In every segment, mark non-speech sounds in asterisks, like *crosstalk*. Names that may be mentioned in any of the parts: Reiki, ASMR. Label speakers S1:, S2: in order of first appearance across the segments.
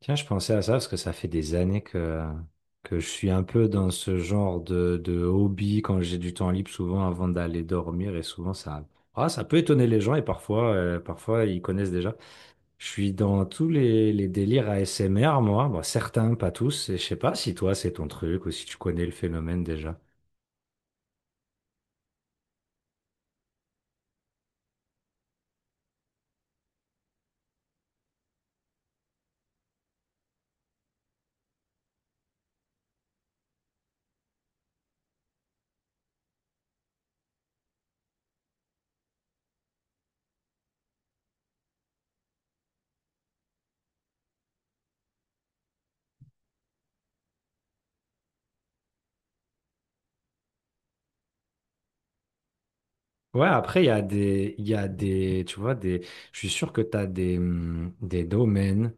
S1: Tiens, je pensais à ça parce que ça fait des années que je suis un peu dans ce genre de hobby quand j'ai du temps libre, souvent avant d'aller dormir. Et souvent, ça peut étonner les gens et parfois ils connaissent déjà. Je suis dans tous les délires ASMR, moi. Bon, certains, pas tous. Et je sais pas si toi, c'est ton truc ou si tu connais le phénomène déjà. Ouais, après, il y a des, tu vois, je suis sûr que tu as des domaines,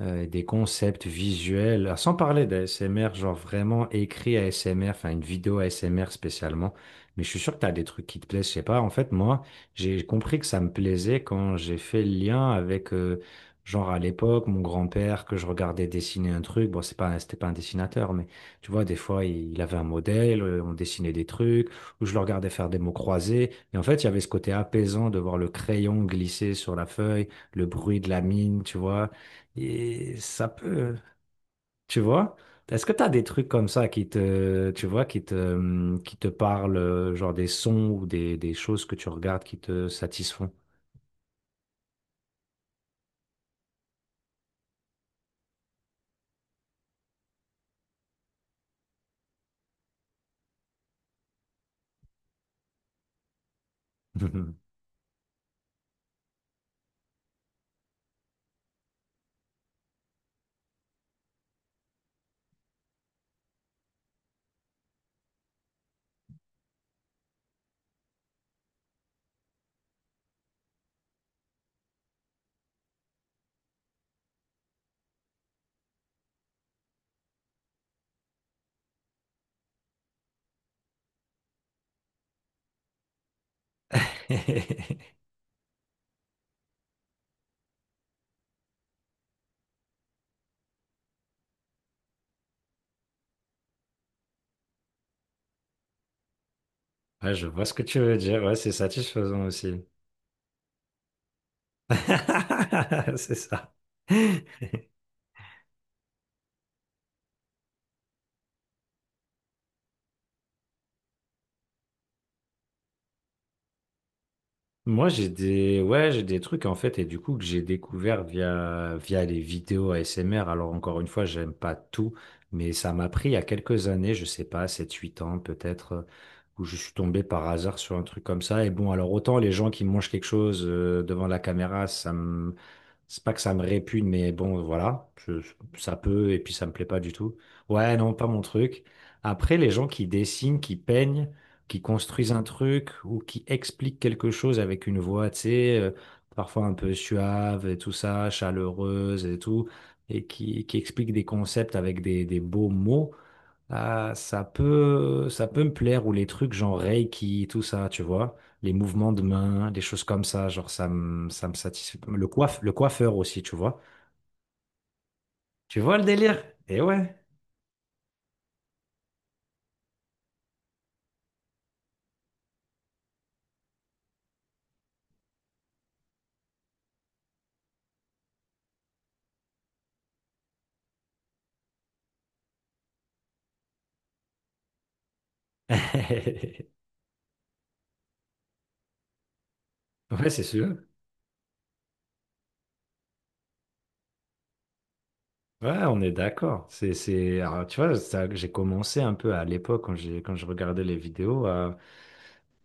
S1: des concepts visuels, ah, sans parler d'ASMR, genre vraiment écrit ASMR, enfin une vidéo ASMR spécialement. Mais je suis sûr que tu as des trucs qui te plaisent, je sais pas. En fait, moi, j'ai compris que ça me plaisait quand j'ai fait le lien avec, genre à l'époque, mon grand-père, que je regardais dessiner un truc. Bon, c'est pas, c'était pas un dessinateur, mais tu vois, des fois, il avait un modèle, on dessinait des trucs, ou je le regardais faire des mots croisés. Et en fait, il y avait ce côté apaisant de voir le crayon glisser sur la feuille, le bruit de la mine, tu vois. Et ça peut, tu vois? Est-ce que tu as des trucs comme ça qui te, tu vois, qui te parlent, genre des sons ou des choses que tu regardes qui te satisfont? *laughs* Ouais, je vois ce que tu veux dire. Ouais, c'est satisfaisant aussi. *laughs* C'est ça. Moi, ouais, j'ai des trucs en fait, et du coup, que j'ai découvert via les vidéos ASMR. Alors, encore une fois, j'aime pas tout, mais ça m'a pris il y a quelques années, je sais pas, 7 8 ans peut-être, où je suis tombé par hasard sur un truc comme ça. Et bon, alors, autant les gens qui mangent quelque chose, devant la caméra, c'est pas que ça me répugne, mais bon, voilà, ça peut, et puis ça me plaît pas du tout. Ouais, non, pas mon truc. Après, les gens qui dessinent, qui peignent, qui construisent un truc ou qui expliquent quelque chose avec une voix, tu sais, parfois un peu suave et tout ça, chaleureuse et tout, et qui expliquent des concepts avec des, beaux mots, ah, ça peut me plaire, ou les trucs genre Reiki, tout ça, tu vois, les mouvements de main, des choses comme ça, genre ça me satisfait. Le coiffeur aussi, tu vois. Tu vois le délire? Eh ouais. *laughs* Ouais, c'est sûr. Ouais, on est d'accord. C'est, alors, tu vois, j'ai commencé un peu à l'époque, quand je regardais les vidéos, à,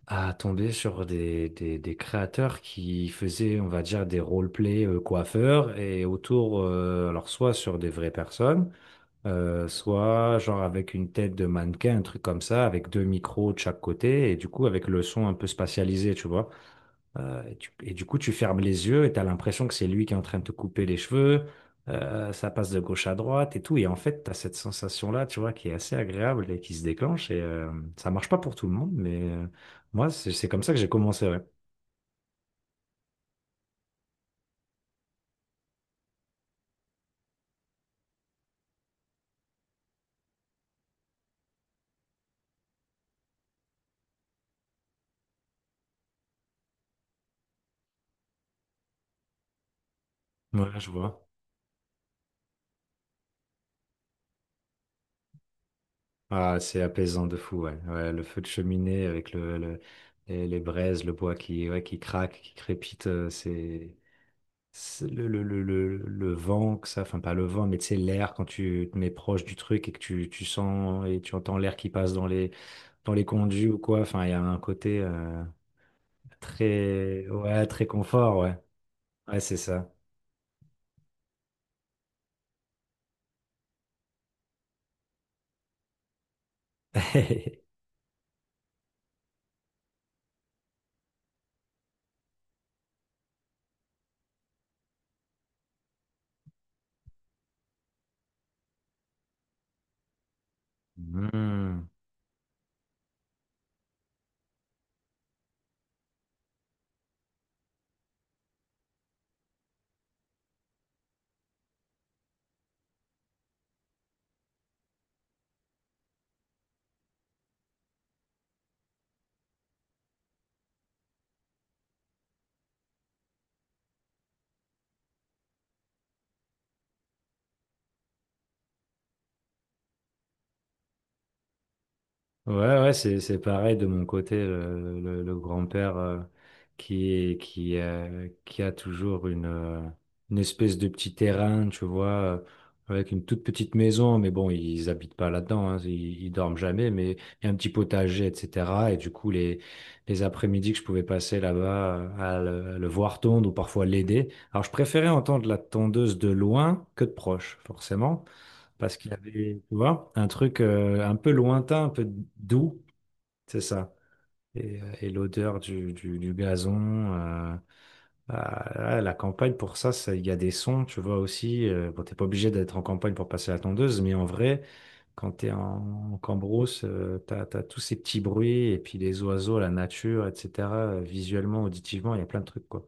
S1: à tomber sur des, des créateurs qui faisaient, on va dire, des roleplay, coiffeurs et autour, alors soit sur des vraies personnes, soit genre avec une tête de mannequin, un truc comme ça, avec deux micros de chaque côté, et du coup avec le son un peu spatialisé, tu vois. Et du coup, tu fermes les yeux et tu as l'impression que c'est lui qui est en train de te couper les cheveux, ça passe de gauche à droite et tout, et en fait, tu as cette sensation-là, tu vois, qui est assez agréable et qui se déclenche, et ça marche pas pour tout le monde, mais moi, c'est comme ça que j'ai commencé, ouais. Ouais, je vois. Ah, c'est apaisant de fou, ouais. Ouais, le feu de cheminée avec les, braises, le bois, ouais, qui craque, qui crépite, c'est le vent que ça, enfin pas le vent, mais tu sais, l'air quand tu te mets proche du truc et que tu sens et tu entends l'air qui passe dans les conduits ou quoi, enfin il y a un côté, très, ouais, très confort, ouais. Ouais, c'est ça. *laughs* Hmm. Ouais, ouais, c'est pareil de mon côté, le grand-père, qui a toujours une espèce de petit terrain, tu vois, avec une toute petite maison, mais bon, ils habitent pas là-dedans, hein, ils dorment jamais, mais il y a un petit potager, etc. Et du coup, les après-midi que je pouvais passer là-bas, à le voir tondre ou parfois l'aider. Alors, je préférais entendre la tondeuse de loin que de proche, forcément. Parce qu'il y avait, tu vois, un truc, un peu lointain, un peu doux, c'est ça. Et l'odeur du, gazon, ah, la campagne, pour ça, il y a des sons, tu vois aussi. Bon, t'es pas obligé d'être en campagne pour passer la tondeuse, mais en vrai, quand t'es en cambrousse, t'as tous ces petits bruits, et puis les oiseaux, la nature, etc. Visuellement, auditivement, il y a plein de trucs, quoi.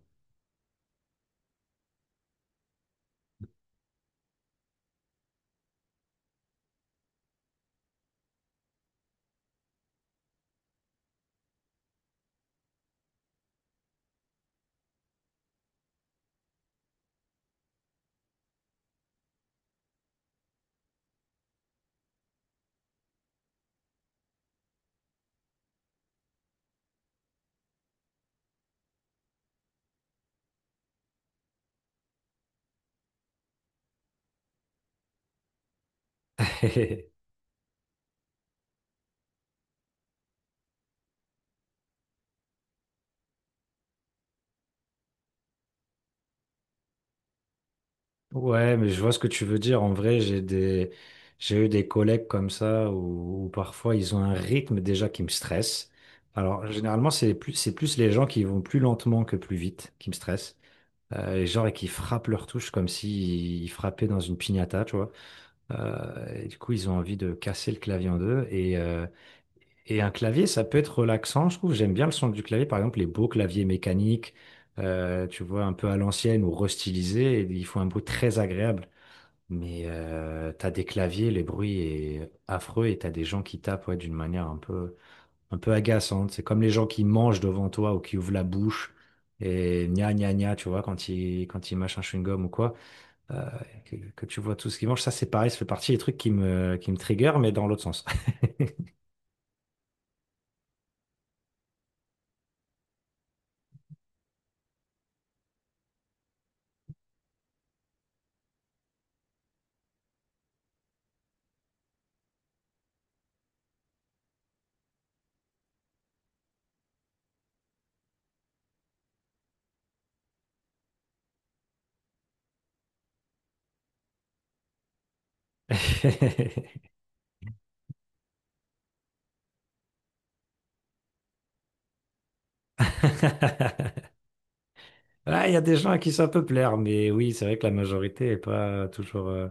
S1: *laughs* Ouais, mais je vois ce que tu veux dire. En vrai, j'ai eu des collègues comme ça où parfois ils ont un rythme déjà qui me stresse. Alors, généralement, c'est plus les gens qui vont plus lentement que plus vite qui me stressent. Et genre, et qui frappent leur touche comme s'ils ils frappaient dans une piñata, tu vois. Et du coup, ils ont envie de casser le clavier en deux. Et un clavier, ça peut être relaxant, je trouve. J'aime bien le son du clavier. Par exemple, les beaux claviers mécaniques, tu vois, un peu à l'ancienne ou restylisés, et ils font un bruit très agréable. Mais t'as des claviers, les bruits est affreux et t'as des gens qui tapent ouais, d'une manière un peu, agaçante. C'est comme les gens qui mangent devant toi ou qui ouvrent la bouche et gna gna gna, tu vois, quand ils mâchent un chewing-gum ou quoi, euh, que tu vois tout ce qu'ils mangent. Ça, c'est pareil, ça fait partie des trucs qui me trigger, mais dans l'autre sens. *laughs* Ouais, il y a des gens à qui ça peut plaire, mais oui, c'est vrai que la majorité est pas toujours,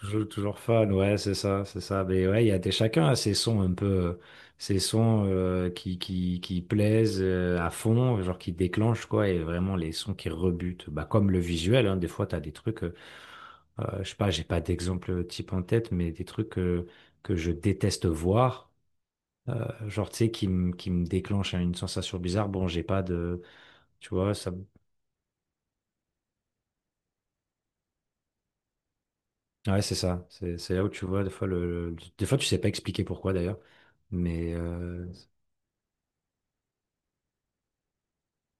S1: toujours, toujours fun, ouais, c'est ça, c'est ça. Mais ouais, il y a des, chacun a ses sons qui plaisent, à fond, genre qui déclenchent, quoi, et vraiment les sons qui rebutent. Bah, comme le visuel, hein, des fois, t'as des trucs, je sais pas, j'ai pas d'exemple type en tête, mais des trucs, que je déteste voir, genre, tu sais, qui me déclenchent une sensation bizarre. Bon, j'ai pas de, tu vois, ça. Ouais, c'est ça. C'est là où tu vois, des fois, des fois, tu sais pas expliquer pourquoi d'ailleurs. Mais,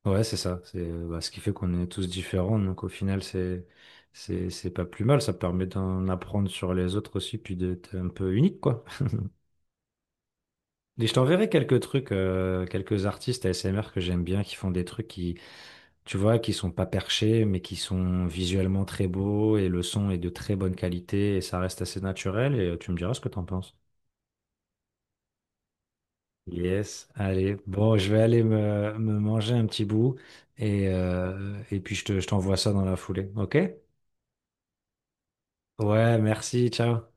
S1: Ouais, c'est ça. C'est, bah, ce qui fait qu'on est tous différents. Donc au final, c'est pas plus mal. Ça permet d'en apprendre sur les autres aussi, puis d'être un peu unique, quoi. Et je t'enverrai quelques trucs, quelques artistes ASMR que j'aime bien, qui font des trucs qui, tu vois, qui sont pas perchés, mais qui sont visuellement très beaux et le son est de très bonne qualité et ça reste assez naturel. Et tu me diras ce que t'en penses. Yes, allez. Bon, je vais aller me manger un petit bout et puis je t'envoie ça dans la foulée, ok? Ouais, merci, ciao.